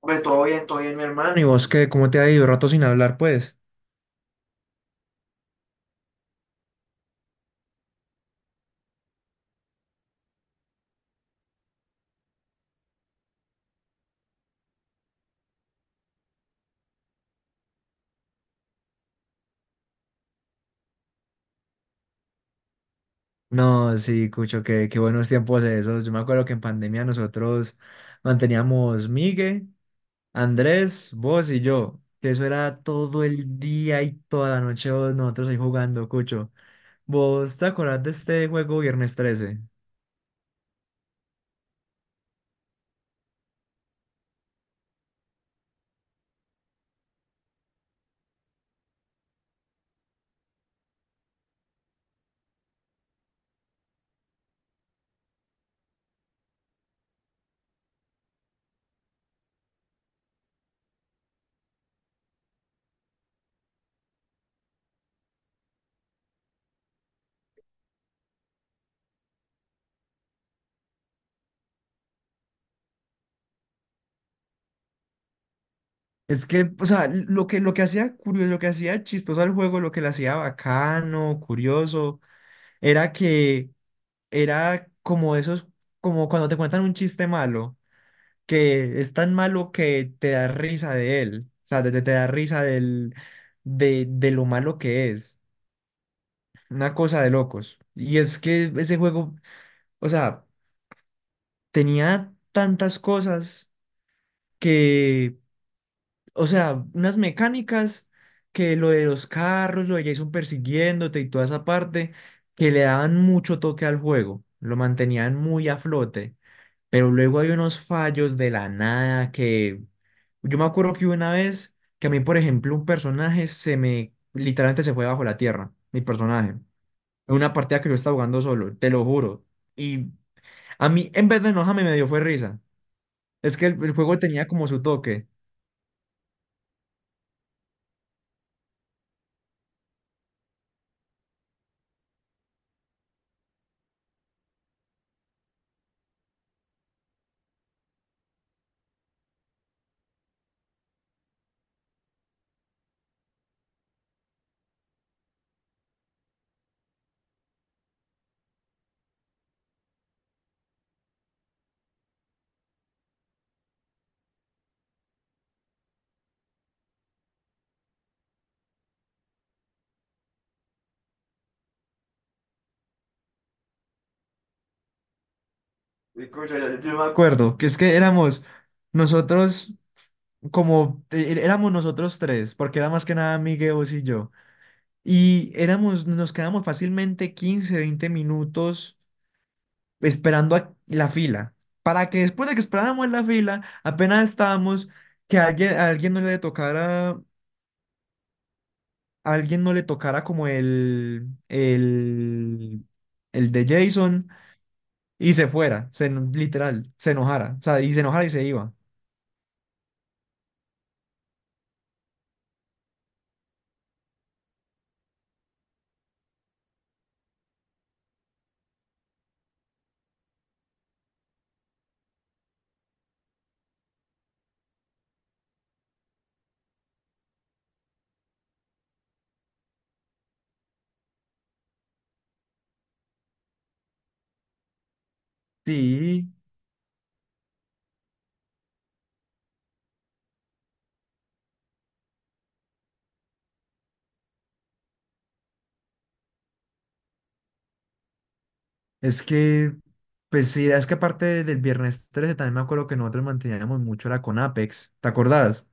Pues todo bien, mi hermano. ¿Y vos qué? ¿Cómo te ha ido? Rato sin hablar, pues. No, sí, Cucho, qué buenos tiempos esos. Yo me acuerdo que en pandemia nosotros manteníamos Migue, Andrés, vos y yo. Que eso era todo el día y toda la noche nosotros ahí jugando, Cucho. ¿Vos te acordás de este juego Viernes Trece? Es que, o sea, lo que hacía curioso, lo que hacía chistoso al juego, lo que le hacía bacano, curioso, era que era como esos, como cuando te cuentan un chiste malo, que es tan malo que te da risa de él, o sea, te da risa de lo malo que es, una cosa de locos. Y es que ese juego, o sea, tenía tantas cosas que, o sea, unas mecánicas que lo de los carros, lo de Jason persiguiéndote y toda esa parte, que le daban mucho toque al juego, lo mantenían muy a flote. Pero luego hay unos fallos de la nada que yo me acuerdo que hubo una vez que a mí, por ejemplo, un personaje se me literalmente se fue bajo la tierra, mi personaje, en una partida que yo estaba jugando solo, te lo juro. Y a mí, en vez de enojarme, me dio fue risa. Es que el juego tenía como su toque. Escucha, yo me acuerdo que es que éramos nosotros como éramos nosotros tres, porque era más que nada Miguel, vos y yo. Y éramos, nos quedamos fácilmente 15 20 minutos esperando a la fila, para que después de que esperáramos en la fila, apenas estábamos, que alguien, a alguien no le tocara, a alguien no le tocara como el de Jason y se fuera, literal, se enojara, o sea, y se enojara y se iba. Sí, es que, pues sí, es que aparte del viernes 13 también me acuerdo que nosotros manteníamos mucho la Conapex, ¿te acordás?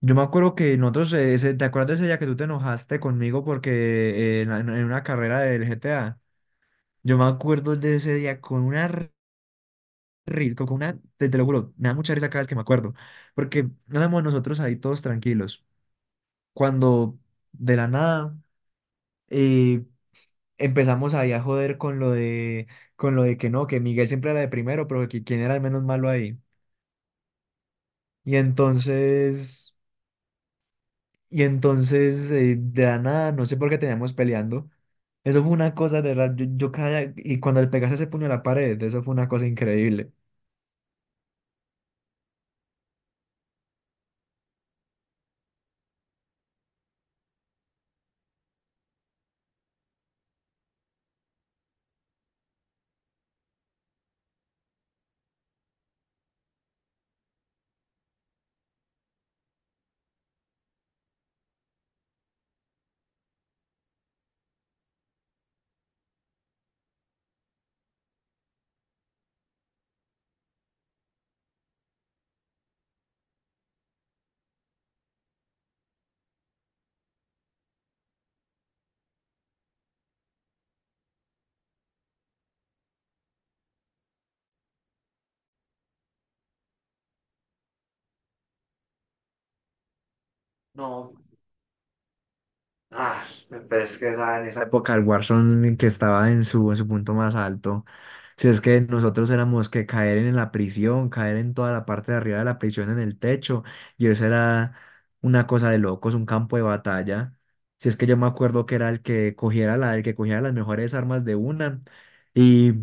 Yo me acuerdo que nosotros, ¿te acuerdas de ese día que tú te enojaste conmigo porque en una carrera del GTA? Yo me acuerdo de ese día con una risa, con una, te lo juro, me da mucha risa cada vez que me acuerdo, porque éramos nosotros ahí todos tranquilos, cuando de la nada eh, empezamos ahí a joder con lo de que no, que Miguel siempre era de primero, pero que quién era el menos malo ahí. Y entonces... Y entonces, de la nada, no sé por qué teníamos peleando. Eso fue una cosa de verdad. Yo cada. Y cuando el Pegaso se puño a la pared, eso fue una cosa increíble. No. Ah, pero es que esa, en esa época el Warzone que estaba en su punto más alto. Si es que nosotros éramos que caer en la prisión, caer en toda la parte de arriba de la prisión, en el techo, y eso era una cosa de locos, un campo de batalla. Si es que yo me acuerdo que era el que cogiera las mejores armas de una. Y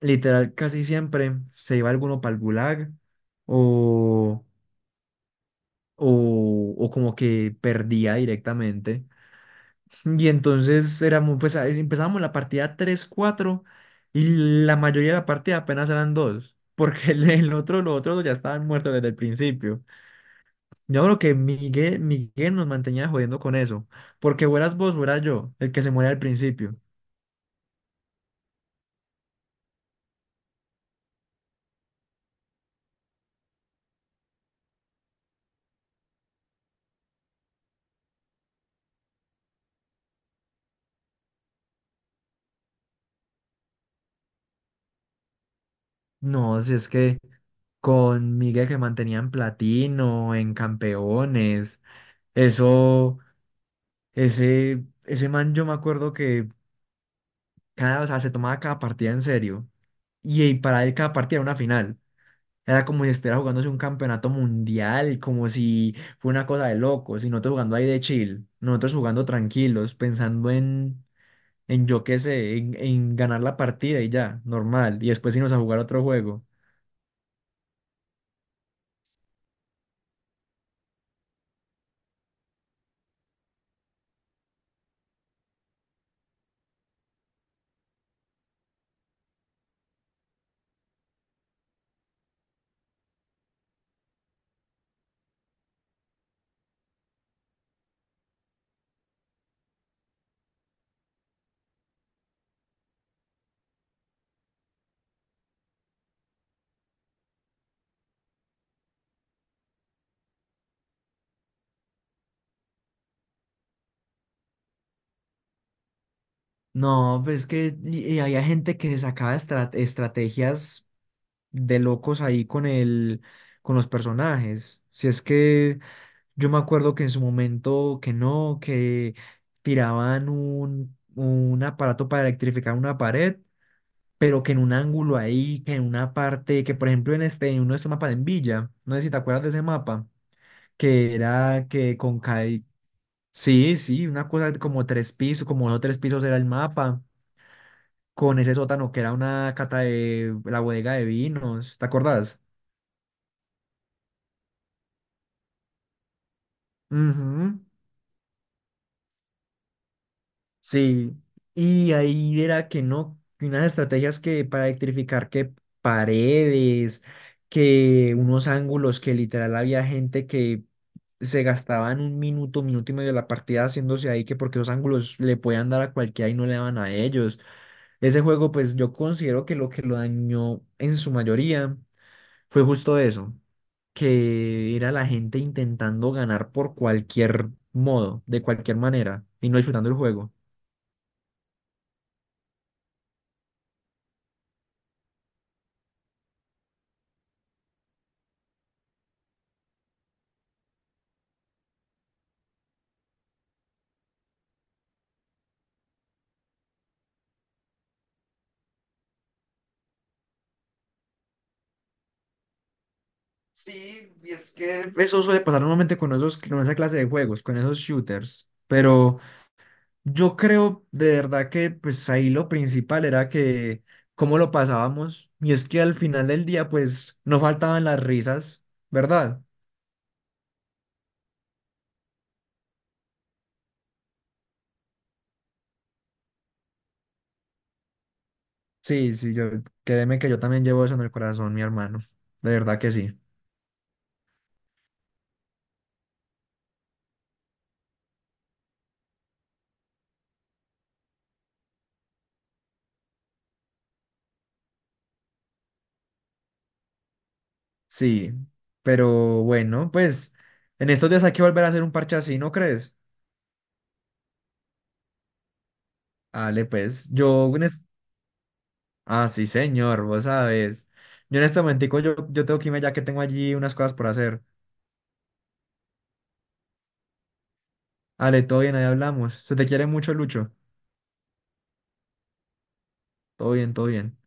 literal casi siempre se iba alguno para el gulag o, o como que perdía directamente. Y entonces éramos, pues ahí empezábamos la partida 3 4 y la mayoría de la partida apenas eran dos. Porque el otro, los otros dos ya estaban muertos desde el principio. Yo creo que Miguel nos mantenía jodiendo con eso. Porque fueras vos, fuera yo, el que se muere al principio. No, si es que con Miguel que mantenía en platino, en campeones, eso, ese man yo me acuerdo que cada, o sea, se tomaba cada partida en serio. Y para él cada partida era una final. Era como si estuviera jugándose un campeonato mundial, como si fue una cosa de locos, y nosotros jugando ahí de chill, nosotros jugando tranquilos, pensando en yo qué sé, en ganar la partida y ya, normal. Y después irnos a jugar otro juego. No, pues y había gente que se sacaba estrategias de locos ahí con el, con los personajes. Si es que yo me acuerdo que en su momento que no, que tiraban un aparato para electrificar una pared, pero que en un ángulo ahí, que en una parte, que por ejemplo en este, en uno de estos mapas en Villa, no sé si te acuerdas de ese mapa, que era que con Kai, sí, sí, una cosa como tres pisos, como no tres pisos era el mapa con ese sótano que era una cata de la bodega de vinos, ¿te acordás? Ujú. Sí, y ahí era que no, que unas estrategias que para electrificar que paredes, que unos ángulos que literal había gente que se gastaban un minuto, minuto y medio de la partida haciéndose ahí, que porque los ángulos le podían dar a cualquiera y no le daban a ellos. Ese juego, pues yo considero que lo dañó en su mayoría fue justo eso, que era la gente intentando ganar por cualquier modo, de cualquier manera, y no disfrutando el juego. Sí, y es que eso suele pasar normalmente con esos, con esa clase de juegos, con esos shooters. Pero yo creo de verdad que pues ahí lo principal era que cómo lo pasábamos. Y es que al final del día pues no faltaban las risas, ¿verdad? Sí, sí, yo créeme que yo también llevo eso en el corazón, mi hermano. De verdad que sí. Sí, pero bueno, pues en estos días hay que volver a hacer un parche así, ¿no crees? Dale, pues yo... Ah, sí, señor, vos sabes. Yo en este momentico yo tengo que irme ya que tengo allí unas cosas por hacer. Dale, todo bien, ahí hablamos. Se te quiere mucho, Lucho. Todo bien, todo bien.